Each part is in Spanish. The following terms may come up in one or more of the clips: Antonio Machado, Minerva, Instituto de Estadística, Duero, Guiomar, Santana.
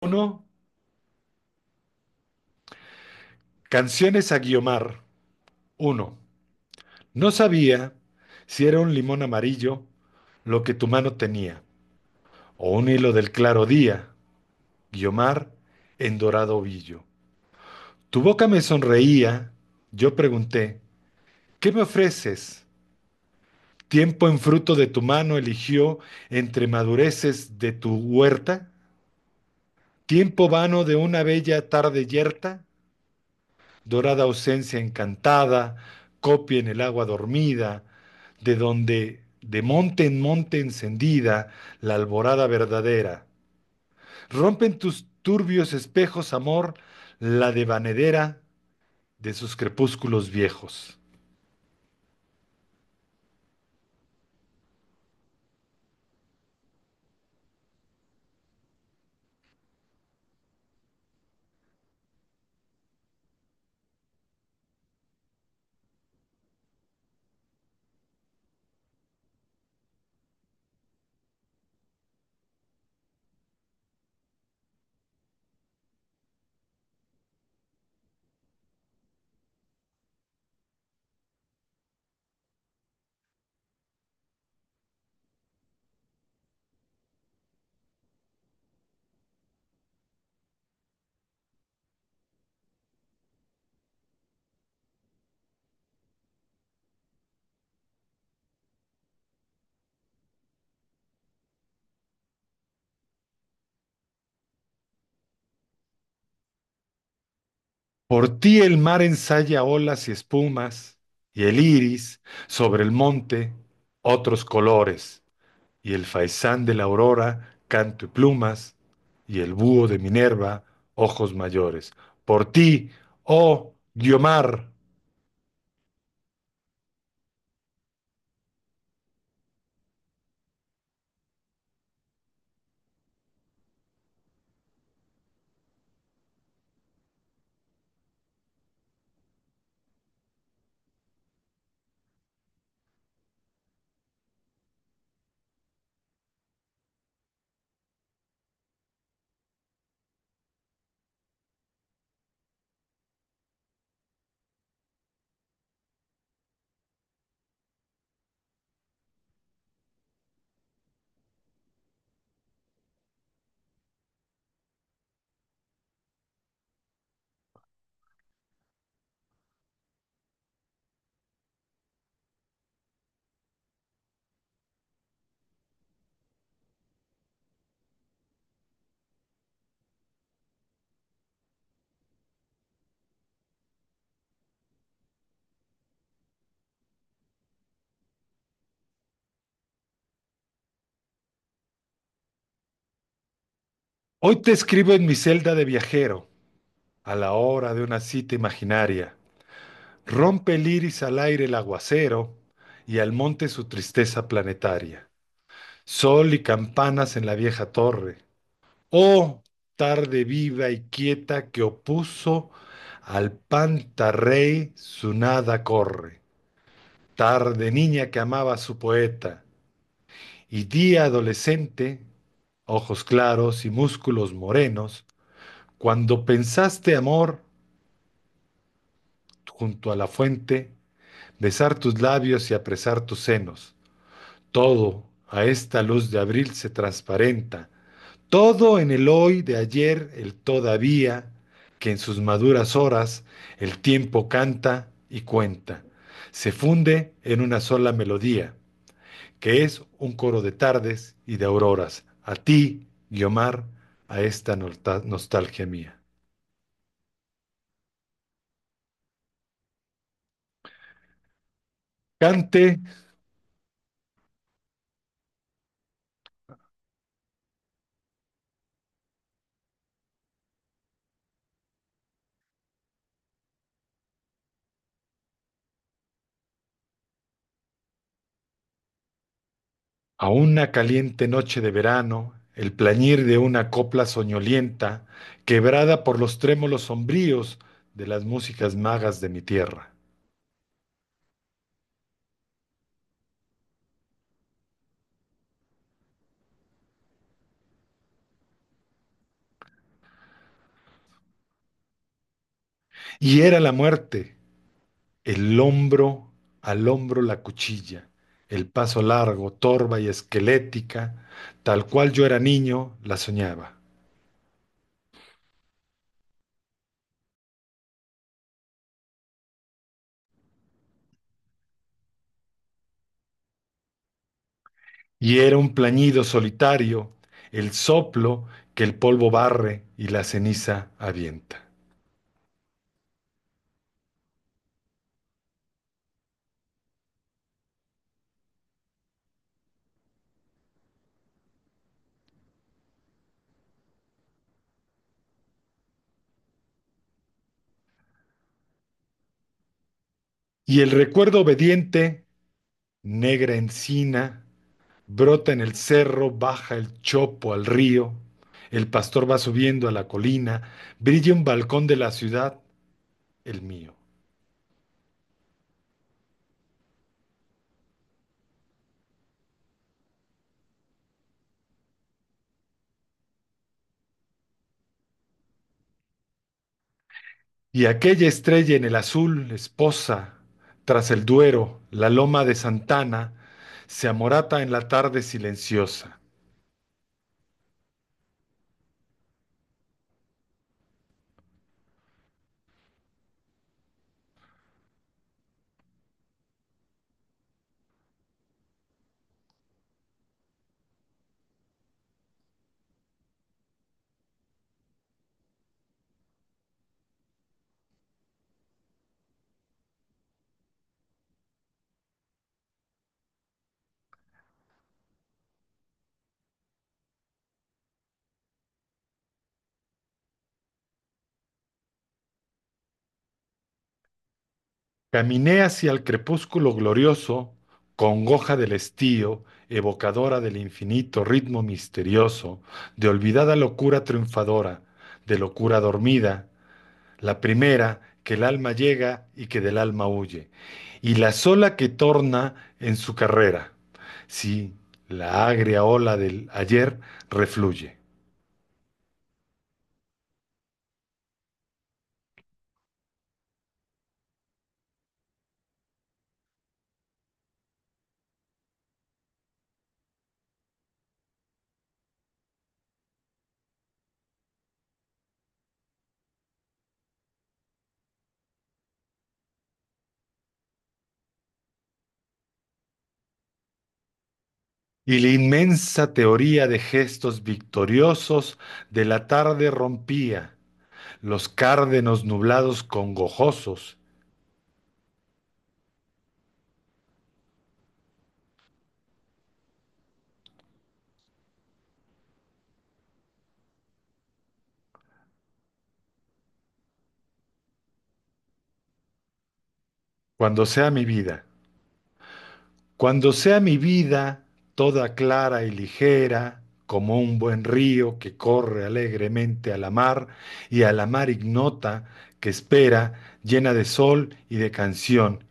Uno, canciones a Guiomar. Uno, no sabía si era un limón amarillo lo que tu mano tenía, o un hilo del claro día, Guiomar, en dorado ovillo. Tu boca me sonreía, yo pregunté, ¿qué me ofreces? Tiempo en fruto de tu mano eligió entre madureces de tu huerta, tiempo vano de una bella tarde yerta, dorada ausencia encantada, copia en el agua dormida, de donde, de monte en monte encendida, la alborada verdadera. Rompen tus turbios espejos, amor, la devanadera de sus crepúsculos viejos. Por ti el mar ensaya olas y espumas, y el iris sobre el monte otros colores. Y el faisán de la aurora, canto y plumas, y el búho de Minerva, ojos mayores. Por ti, oh Guiomar, hoy te escribo en mi celda de viajero, a la hora de una cita imaginaria. Rompe el iris al aire el aguacero, y al monte su tristeza planetaria. Sol y campanas en la vieja torre. Oh, tarde viva y quieta que opuso al pantarrey su nada corre. Tarde niña que amaba a su poeta, y día adolescente, ojos claros y músculos morenos, cuando pensaste amor junto a la fuente, besar tus labios y apresar tus senos, todo a esta luz de abril se transparenta, todo en el hoy de ayer, el todavía, que en sus maduras horas el tiempo canta y cuenta, se funde en una sola melodía que es un coro de tardes y de auroras, a ti, Guiomar, a esta nostalgia mía. Cante a una caliente noche de verano el plañir de una copla soñolienta, quebrada por los trémolos sombríos de las músicas magas de mi tierra. Y era la muerte, el hombro al hombro la cuchilla, el paso largo, torva y esquelética, tal cual yo era niño, la soñaba. Y era un plañido solitario, el soplo que el polvo barre y la ceniza avienta. Y el recuerdo obediente, negra encina, brota en el cerro, baja el chopo al río, el pastor va subiendo a la colina, brilla un balcón de la ciudad, el mío. Y aquella estrella en el azul, esposa, tras el Duero, la loma de Santana, se amorata en la tarde silenciosa. Caminé hacia el crepúsculo glorioso, congoja del estío, evocadora del infinito ritmo misterioso, de olvidada locura triunfadora, de locura dormida, la primera que el alma llega y que del alma huye, y la sola que torna en su carrera, si la agria ola del ayer refluye. Y la inmensa teoría de gestos victoriosos de la tarde rompía los cárdenos nublados congojosos, cuando sea mi vida, cuando sea mi vida toda clara y ligera, como un buen río que corre alegremente a la mar y a la mar ignota que espera, llena de sol y de canción,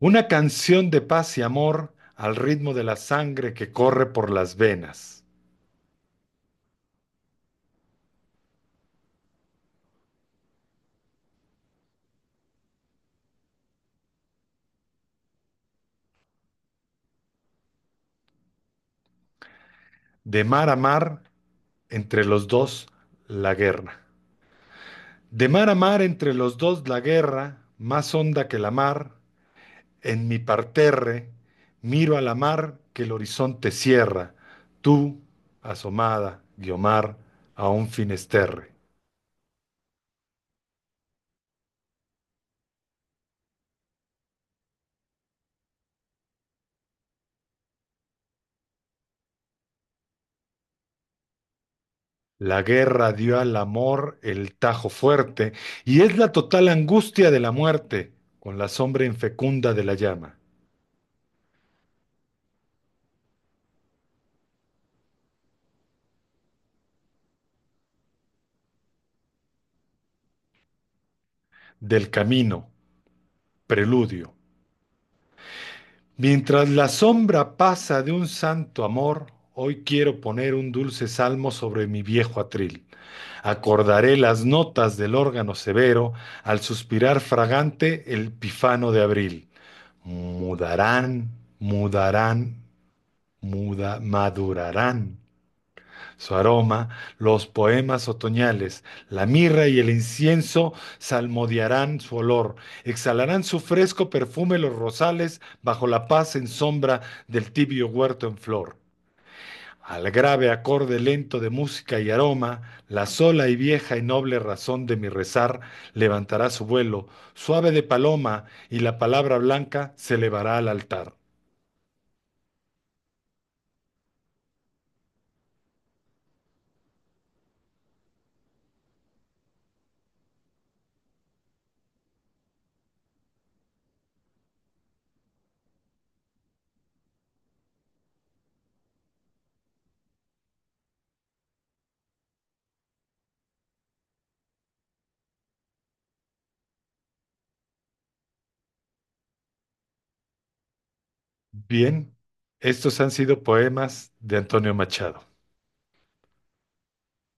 una canción de paz y amor al ritmo de la sangre que corre por las venas, de mar a mar, entre los dos, la guerra. De mar a mar entre los dos la guerra, más honda que la mar, en mi parterre, miro a la mar que el horizonte cierra, tú, asomada, Guiomar, a un finesterre. La guerra dio al amor el tajo fuerte, y es la total angustia de la muerte, con la sombra infecunda de la llama, del camino, preludio, mientras la sombra pasa de un santo amor, hoy quiero poner un dulce salmo sobre mi viejo atril. Acordaré las notas del órgano severo al suspirar fragante el pifano de abril. Mudarán, mudarán, madurarán su aroma, los poemas otoñales, la mirra y el incienso salmodiarán su olor, exhalarán su fresco perfume los rosales bajo la paz en sombra del tibio huerto en flor. Al grave acorde lento de música y aroma, la sola y vieja y noble razón de mi rezar levantará su vuelo, suave de paloma, y la palabra blanca se elevará al altar. Bien, estos han sido poemas de Antonio Machado.